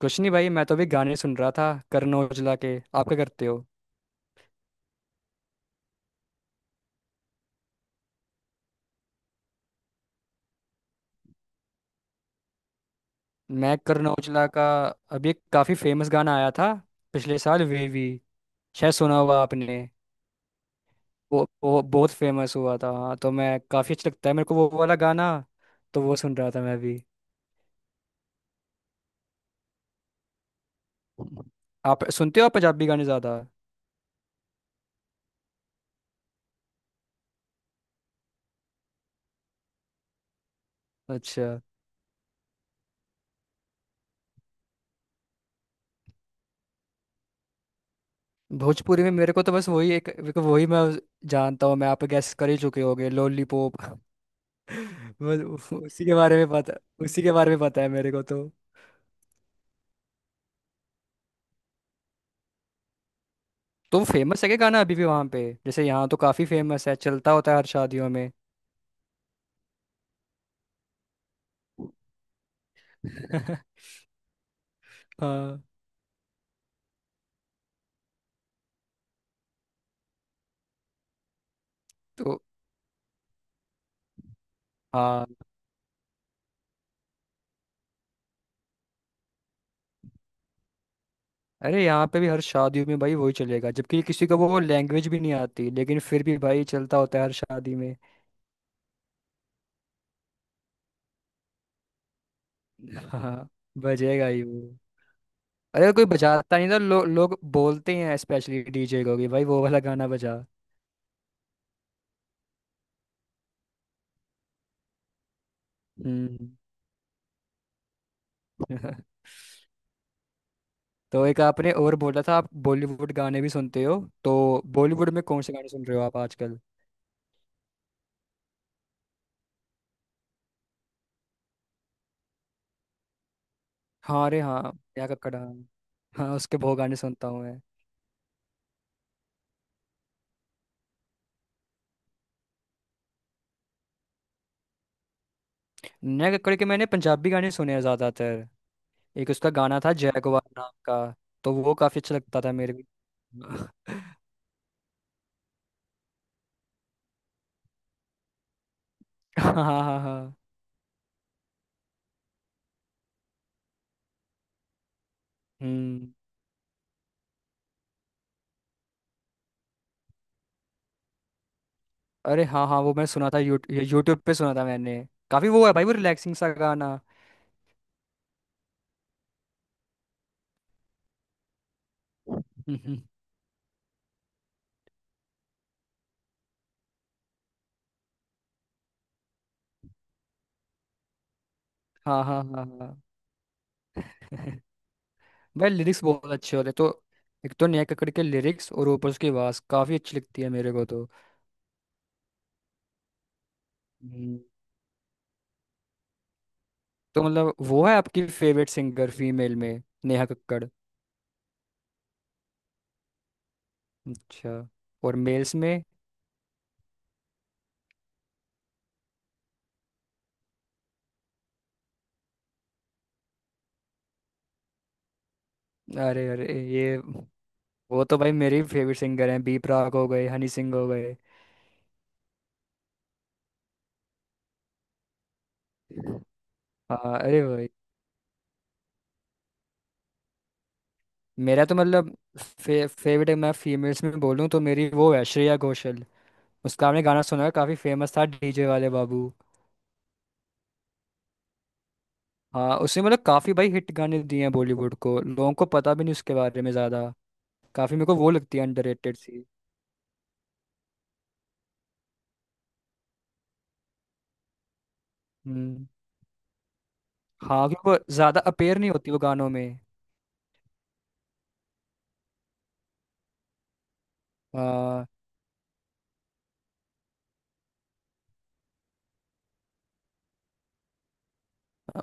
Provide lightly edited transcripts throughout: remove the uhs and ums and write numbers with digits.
कुछ नहीं भाई, मैं तो अभी गाने सुन रहा था करण औजला के। आप क्या करते हो? मैं करण औजला का अभी एक काफ़ी फेमस गाना आया था पिछले साल, वेवी, शायद सुना हुआ आपने? वो बहुत फेमस हुआ था। हाँ, तो मैं काफ़ी अच्छा लगता है मेरे को वो वाला गाना। तो वो सुन रहा था मैं भी। आप सुनते हो आप पंजाबी गाने ज़्यादा? अच्छा। भोजपुरी में मेरे को तो बस वही एक, मेरे को वही मैं जानता हूँ मैं आप गैस कर ही चुके होगे, लॉलीपॉप। बस। उसी के बारे में पता उसी के बारे में पता है मेरे को तो। तो फेमस है क्या गाना अभी भी वहां पे? जैसे यहाँ तो काफी फेमस है, चलता होता है हर शादियों में। हाँ तो। हाँ। अरे यहाँ पे भी हर शादियों में भाई वही चलेगा, जबकि किसी को वो लैंग्वेज भी नहीं आती, लेकिन फिर भी भाई चलता होता है हर शादी में। हाँ, बजेगा ही वो। अरे, कोई बजाता नहीं तो लोग बोलते हैं स्पेशली डीजे को कि भाई वो वाला गाना बजा। हम्म। तो एक आपने और बोला था, आप बॉलीवुड गाने भी सुनते हो। तो बॉलीवुड में कौन से गाने सुन रहे हो आप आजकल? हाँ, अरे हाँ। नेहा कक्कड़, हाँ। हाँ, उसके बहुत गाने सुनता हूँ मैं। नेहा कक्कड़ के मैंने पंजाबी गाने सुने हैं ज़्यादातर। एक उसका गाना था जैगवार नाम का। तो वो काफ़ी अच्छा लगता था मेरे को। हाँ, हाँ, हाँ, हाँ। हम्म। अरे हाँ, हाँ, वो मैंने सुना था, यूट्यूब पे सुना था मैंने। काफ़ी वो है भाई, वो रिलैक्सिंग सा गाना। हम्म। हाँ, हाँ, हाँ, हाँ। भाई लिरिक्स बहुत अच्छे होते तो। एक तो नेहा कक्कड़ के लिरिक्स, और ऊपर उसकी आवाज़ काफ़ी अच्छी लगती है मेरे को तो। हम्म। तो मतलब वो है आपकी फेवरेट सिंगर फीमेल में, नेहा कक्कड़। अच्छा। और मेल्स में? अरे, अरे, ये वो तो भाई मेरे फेवरेट सिंगर हैं, बी प्राक हो गए, हनी सिंह हो गए। हाँ, अरे भाई। मेरा तो मतलब फेवरेट, मैं फीमेल्स में बोलूँ तो मेरी वो है श्रेया घोषाल। उसका आपने गाना सुना है? काफ़ी फेमस था, डीजे वाले बाबू। हाँ, उसने मतलब काफ़ी भाई हिट गाने दिए हैं बॉलीवुड को, लोगों को पता भी नहीं उसके बारे में ज़्यादा। काफ़ी मेरे को वो लगती है अंडररेटेड सी। हम्म। हाँ, क्योंकि वो ज़्यादा अपेयर नहीं होती वो गानों में। हाँ।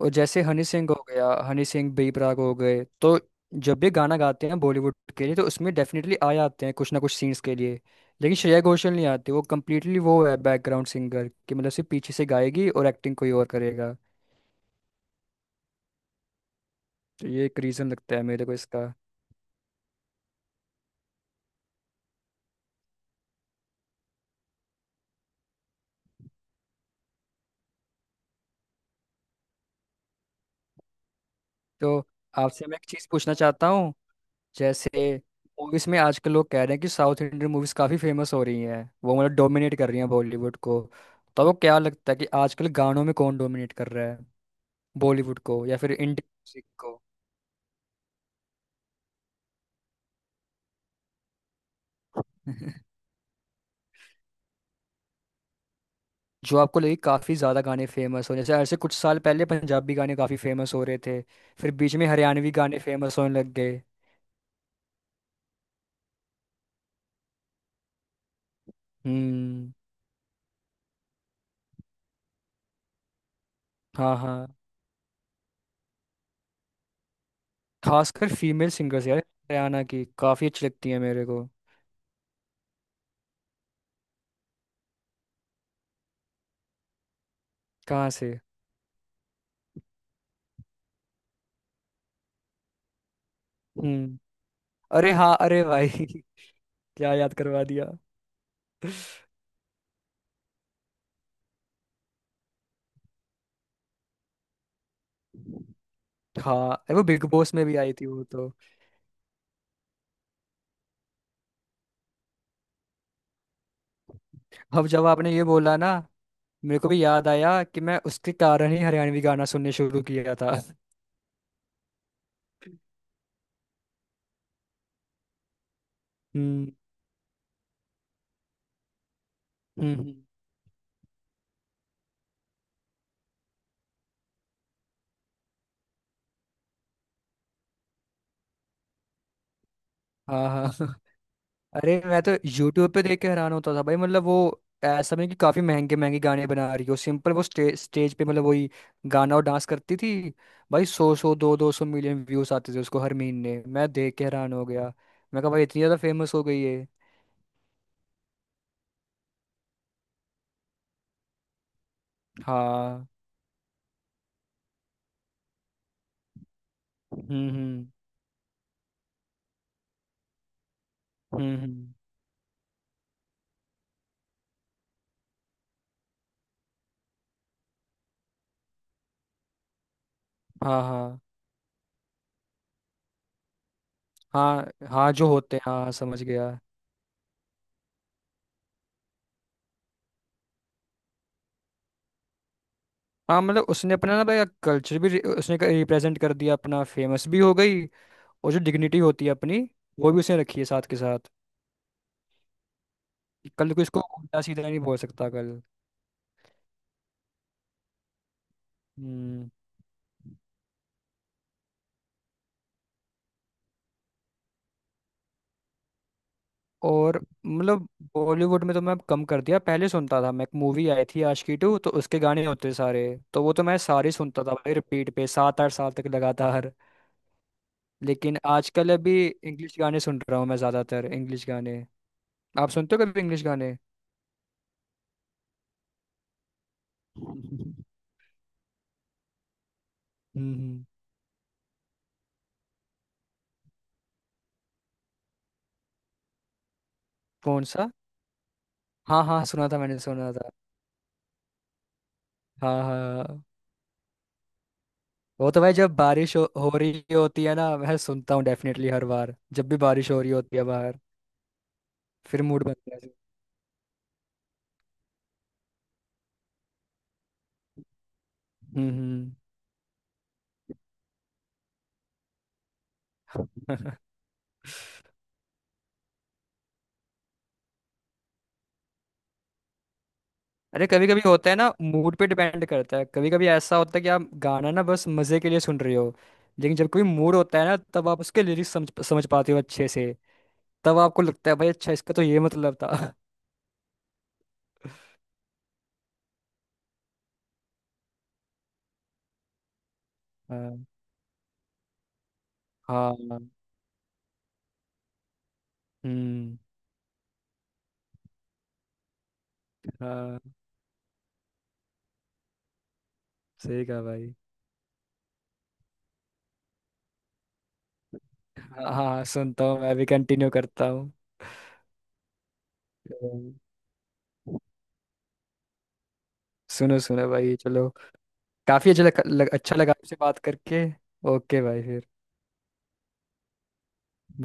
और जैसे हनी सिंह हो गया, हनी सिंह, बी प्राक हो गए तो जब भी गाना गाते हैं बॉलीवुड के लिए, तो उसमें डेफिनेटली आ जाते हैं कुछ ना कुछ सीन्स के लिए। लेकिन श्रेया घोषाल नहीं आती, वो कम्प्लीटली वो है बैकग्राउंड सिंगर, कि मतलब सिर्फ पीछे से गाएगी और एक्टिंग कोई और करेगा। तो ये एक रीज़न लगता है मेरे को इसका। तो आपसे मैं एक चीज़ पूछना चाहता हूँ। जैसे मूवीज़ में आजकल लोग कह रहे हैं कि साउथ इंडियन मूवीज़ काफ़ी फेमस हो रही हैं, वो मतलब डोमिनेट कर रही हैं बॉलीवुड को। तो आपको क्या लगता है कि आजकल गानों में कौन डोमिनेट कर रहा है बॉलीवुड को, या फिर इंडियन म्यूजिक को? जो आपको लगे काफ़ी ज़्यादा गाने फेमस हो, जैसे ऐसे कुछ साल पहले पंजाबी गाने काफ़ी फेमस हो रहे थे। फिर बीच में हरियाणवी गाने फेमस होने लग गए। हम्म। हाँ, हाँ। खासकर फीमेल सिंगर्स यार हरियाणा की काफ़ी अच्छी लगती है मेरे को। कहाँ से? हम्म। अरे हाँ, अरे भाई। क्या याद करवा दिया! हाँ, अरे, वो बिग बॉस में भी आई थी वो तो। अब जब आपने ये बोला ना, मेरे को भी याद आया कि मैं उसके कारण ही हरियाणवी गाना सुनने शुरू किया था। हम्म। हम्म। हाँ, हाँ। अरे, मैं तो यूट्यूब पे देख के हैरान होता था भाई, मतलब वो ऐसा नहीं कि काफी महंगे महंगे गाने बना रही हो, सिंपल वो स्टेज पे मतलब वही गाना और डांस करती थी। भाई सौ सौ दो दो सौ मिलियन व्यूज आते थे उसको हर महीने, मैं देख के हैरान हो गया। मैं कहा भाई इतनी ज्यादा फेमस हो गई है। हाँ। हम्म, हम्म। हम्म, हम्म। हाँ, हाँ, हाँ, हाँ जो होते हैं, हाँ, समझ गया। हाँ, मतलब उसने अपना ना भाई कल्चर भी उसने रिप्रेजेंट कर दिया अपना, फेमस भी हो गई। और जो डिग्निटी होती है अपनी, वो भी उसने रखी है साथ के साथ। कि कल को इसको उल्टा सीधा नहीं बोल सकता कल। हम्म। और मतलब, बॉलीवुड में तो मैं अब कम कर दिया, पहले सुनता था मैं। एक मूवी आई थी आशिकी टू, तो उसके गाने होते सारे, तो वो तो मैं सारे सुनता था भाई, रिपीट पे 7-8 साल तक लगातार। लेकिन आजकल अभी इंग्लिश गाने सुन रहा हूँ मैं ज्यादातर, इंग्लिश गाने आप सुनते हो कभी? इंग्लिश गाने? हम्म। हम्म। कौन सा? हाँ, हाँ, सुना था मैंने, सुना था। हाँ, हाँ, हाँ। वो तो भाई जब बारिश हो रही होती है ना, मैं सुनता हूँ डेफिनेटली हर बार, जब भी बारिश हो रही होती है बाहर। फिर मूड बनता है। हम्म। हम्म। अरे, कभी कभी होता है ना, मूड पे डिपेंड करता है। कभी कभी ऐसा होता है कि आप गाना ना बस मजे के लिए सुन रहे हो। लेकिन जब कोई मूड होता है ना, तब आप उसके लिरिक्स समझ समझ पाते हो अच्छे से। तब आपको लगता है भाई, अच्छा, इसका तो ये मतलब था। हाँ, हाँ। हम्म। हाँ, सही कहा भाई। हाँ, हाँ, सुनता हूँ मैं भी, कंटिन्यू करता हूँ। हम्म। सुनो, सुनो भाई, चलो। काफी अच्छा लग, लग, अच्छा लगा आपसे बात करके। ओके भाई, फिर।